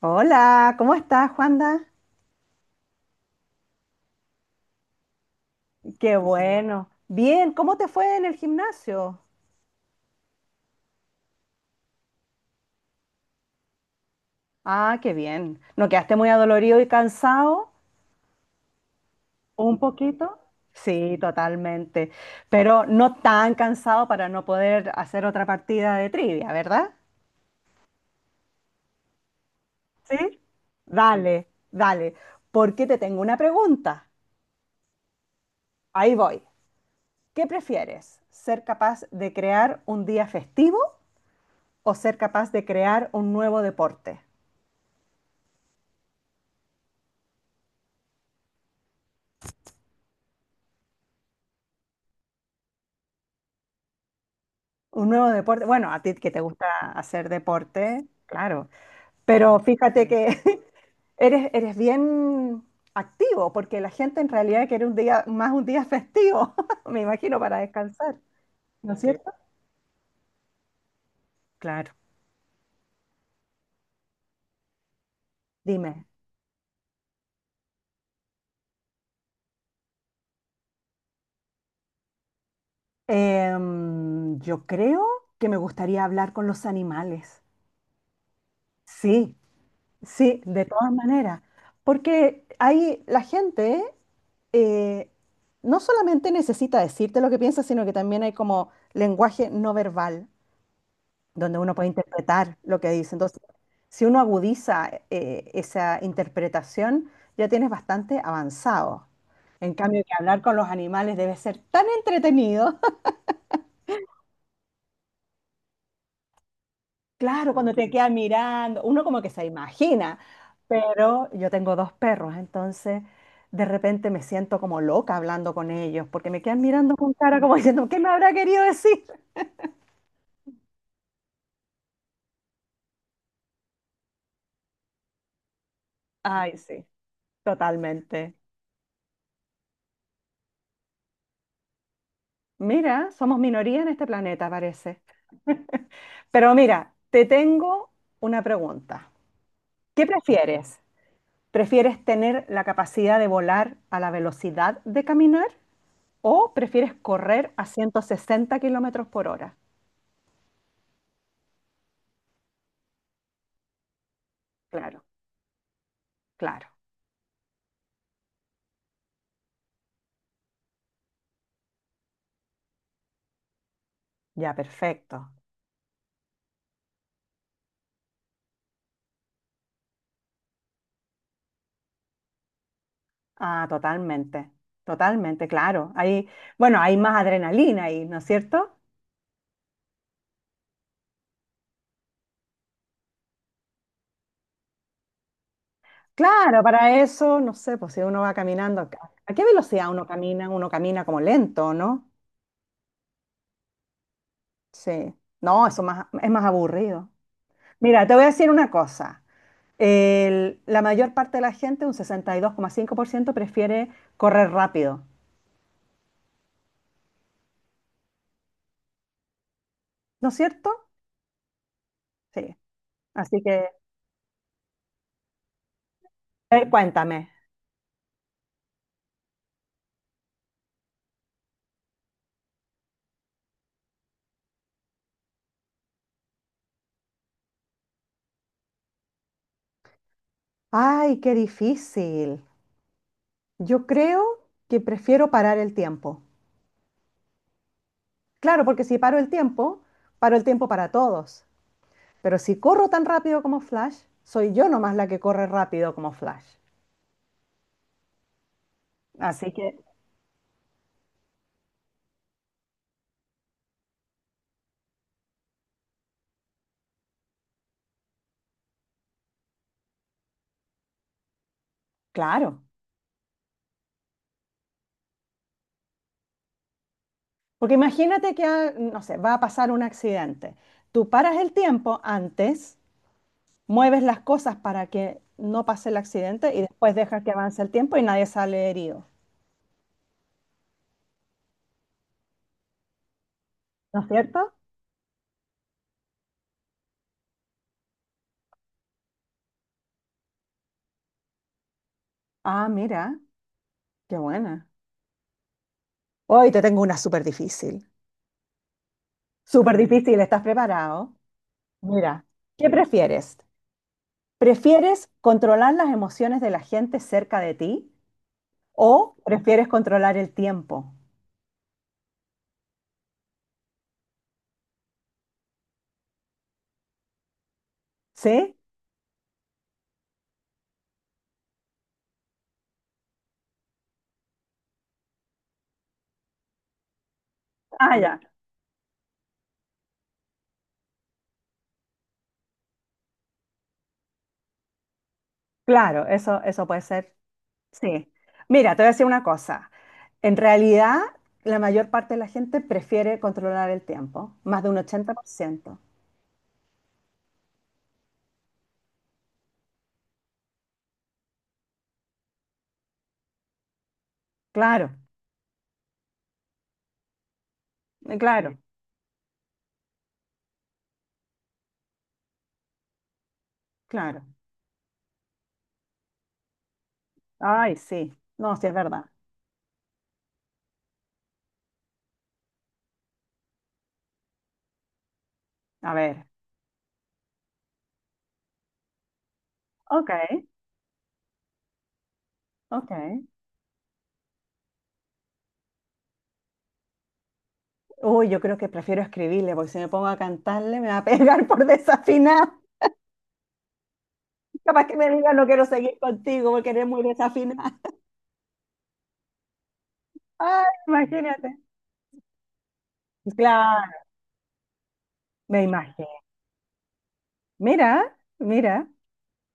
Hola, ¿cómo estás, Juanda? Qué bueno. Bien, ¿cómo te fue en el gimnasio? Ah, qué bien. ¿No quedaste muy adolorido y cansado? Un poquito. Sí, totalmente. Pero no tan cansado para no poder hacer otra partida de trivia, ¿verdad? Sí. Dale, dale. Porque te tengo una pregunta. Ahí voy. ¿Qué prefieres? ¿Ser capaz de crear un día festivo o ser capaz de crear un nuevo deporte? Un nuevo deporte. Bueno, a ti que te gusta hacer deporte, claro. Pero fíjate que eres bien activo, porque la gente en realidad quiere un día, más un día festivo, me imagino, para descansar, ¿no es cierto? Claro. Dime, yo creo que me gustaría hablar con los animales. Sí. Sí, de todas maneras, porque ahí la gente eh, no solamente necesita decirte lo que piensa, sino que también hay como lenguaje no verbal, donde uno puede interpretar lo que dice. Entonces, si uno agudiza esa interpretación, ya tienes bastante avanzado. En cambio, que hablar con los animales debe ser tan entretenido. Claro, cuando te queda mirando, uno como que se imagina, pero yo tengo dos perros, entonces de repente me siento como loca hablando con ellos, porque me quedan mirando con cara como diciendo, ¿qué me habrá querido decir? Ay, sí, totalmente. Mira, somos minoría en este planeta, parece. Pero mira, te tengo una pregunta. ¿Qué prefieres? ¿Prefieres tener la capacidad de volar a la velocidad de caminar o prefieres correr a 160 kilómetros por hora? Claro. Claro, ya perfecto. Ah, totalmente, totalmente, claro. Hay, bueno, hay más adrenalina ahí, ¿no es cierto? Claro, para eso, no sé, pues si uno va caminando, ¿a qué velocidad uno camina? Uno camina como lento, ¿no? Sí. No, eso más, es más aburrido. Mira, te voy a decir una cosa. La mayor parte de la gente, un 62,5%, prefiere correr rápido, ¿no es cierto? Sí. Así que, cuéntame. Ay, qué difícil. Yo creo que prefiero parar el tiempo. Claro, porque si paro el tiempo, paro el tiempo para todos. Pero si corro tan rápido como Flash, soy yo nomás la que corre rápido como Flash. Así que, claro. Porque imagínate que, ah, no sé, va a pasar un accidente. Tú paras el tiempo antes, mueves las cosas para que no pase el accidente y después dejas que avance el tiempo y nadie sale herido. ¿No es cierto? Ah, mira, qué buena. Hoy te tengo una súper difícil. Súper difícil, ¿estás preparado? Mira, ¿qué prefieres? ¿Prefieres controlar las emociones de la gente cerca de ti o prefieres controlar el tiempo? ¿Sí? Ah, ya. Claro, eso puede ser. Sí. Mira, te voy a decir una cosa. En realidad, la mayor parte de la gente prefiere controlar el tiempo, más de un 80%. Claro, claro, claro. Ay, sí. No, sí es verdad. A ver. Ok, ok. Uy, yo creo que prefiero escribirle, porque si me pongo a cantarle me va a pegar por desafinar. Capaz que me diga no quiero seguir contigo porque eres muy desafinada. Ay, imagínate. Claro, me imagino. Mira, mira.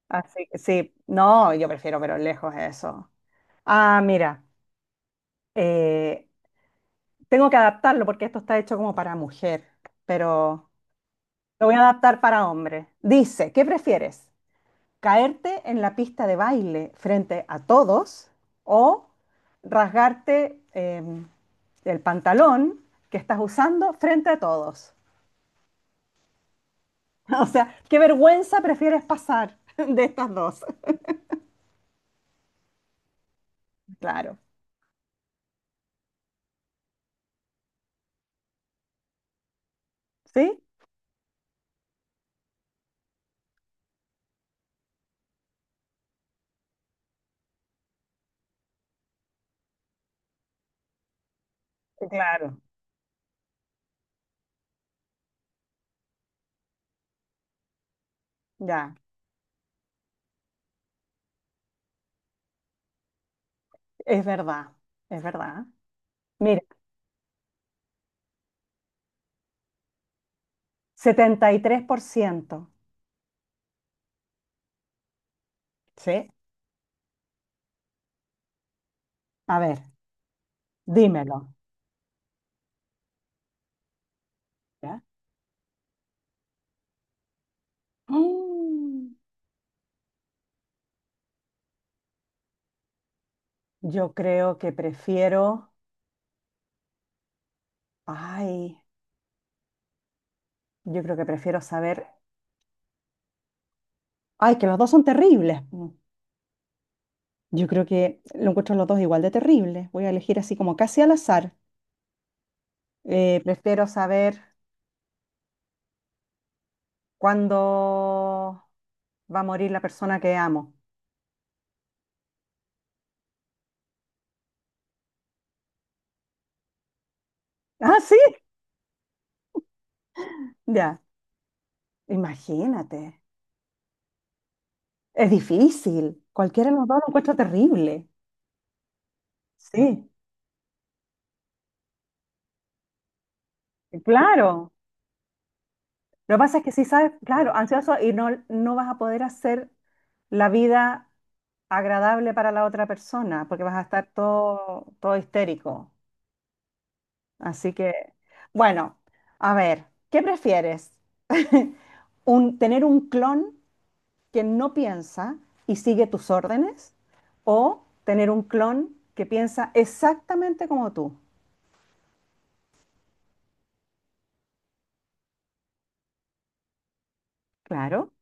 Así que sí, no, yo prefiero, pero lejos eso. Ah, mira, eh, tengo que adaptarlo porque esto está hecho como para mujer, pero lo voy a adaptar para hombre. Dice, ¿qué prefieres? Caerte en la pista de baile frente a todos o rasgarte el pantalón que estás usando frente a todos. O sea, ¿qué vergüenza prefieres pasar de estas dos? Claro, ¿sí? Claro, ya, es verdad, es verdad. Mira, 73%, ¿sí? A ver, dímelo. ¿Ya? Mm, yo creo que prefiero, ay, yo creo que prefiero saber. Ay, que los dos son terribles. Mm. Yo creo que lo encuentro los dos igual de terribles. Voy a elegir así como casi al azar. Prefiero saber cuándo va a morir la persona que amo. Ah, sí, ya. Imagínate. Es difícil. Cualquiera de los dos lo encuentro terrible. Sí, claro. Lo que pasa es que si sabes, claro, ansioso y no, no vas a poder hacer la vida agradable para la otra persona porque vas a estar todo, todo histérico. Así que, bueno, a ver, ¿qué prefieres? Tener un clon que no piensa y sigue tus órdenes o tener un clon que piensa exactamente como tú. Claro.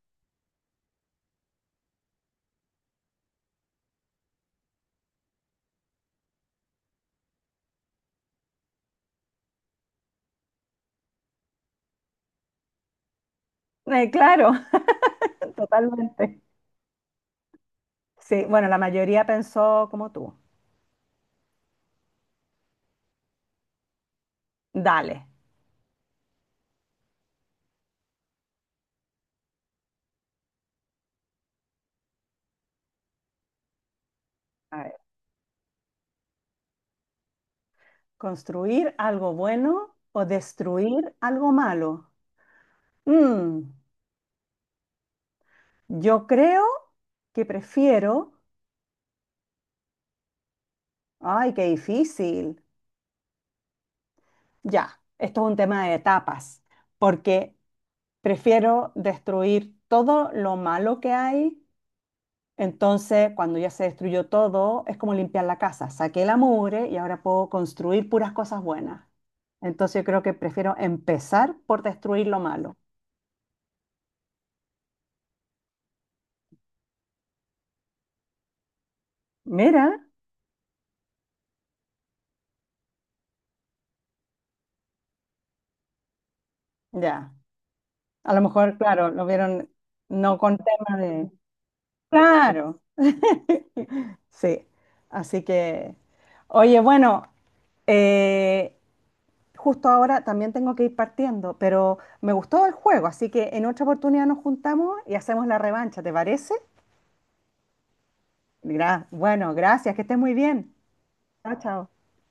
Claro. Totalmente. Sí, bueno, la mayoría pensó como tú. Dale, a ver, ¿construir algo bueno o destruir algo malo? Mm, yo creo que prefiero, ay, qué difícil. Ya, esto es un tema de etapas, porque prefiero destruir todo lo malo que hay. Entonces, cuando ya se destruyó todo, es como limpiar la casa. Saqué la mugre y ahora puedo construir puras cosas buenas. Entonces, yo creo que prefiero empezar por destruir lo malo. Mira, ya. A lo mejor, claro, lo vieron no con tema de... Claro. Sí, así que, oye, bueno, eh, justo ahora también tengo que ir partiendo, pero me gustó el juego, así que en otra oportunidad nos juntamos y hacemos la revancha, ¿te parece? Bueno, gracias, que estés muy bien. Chao, chao.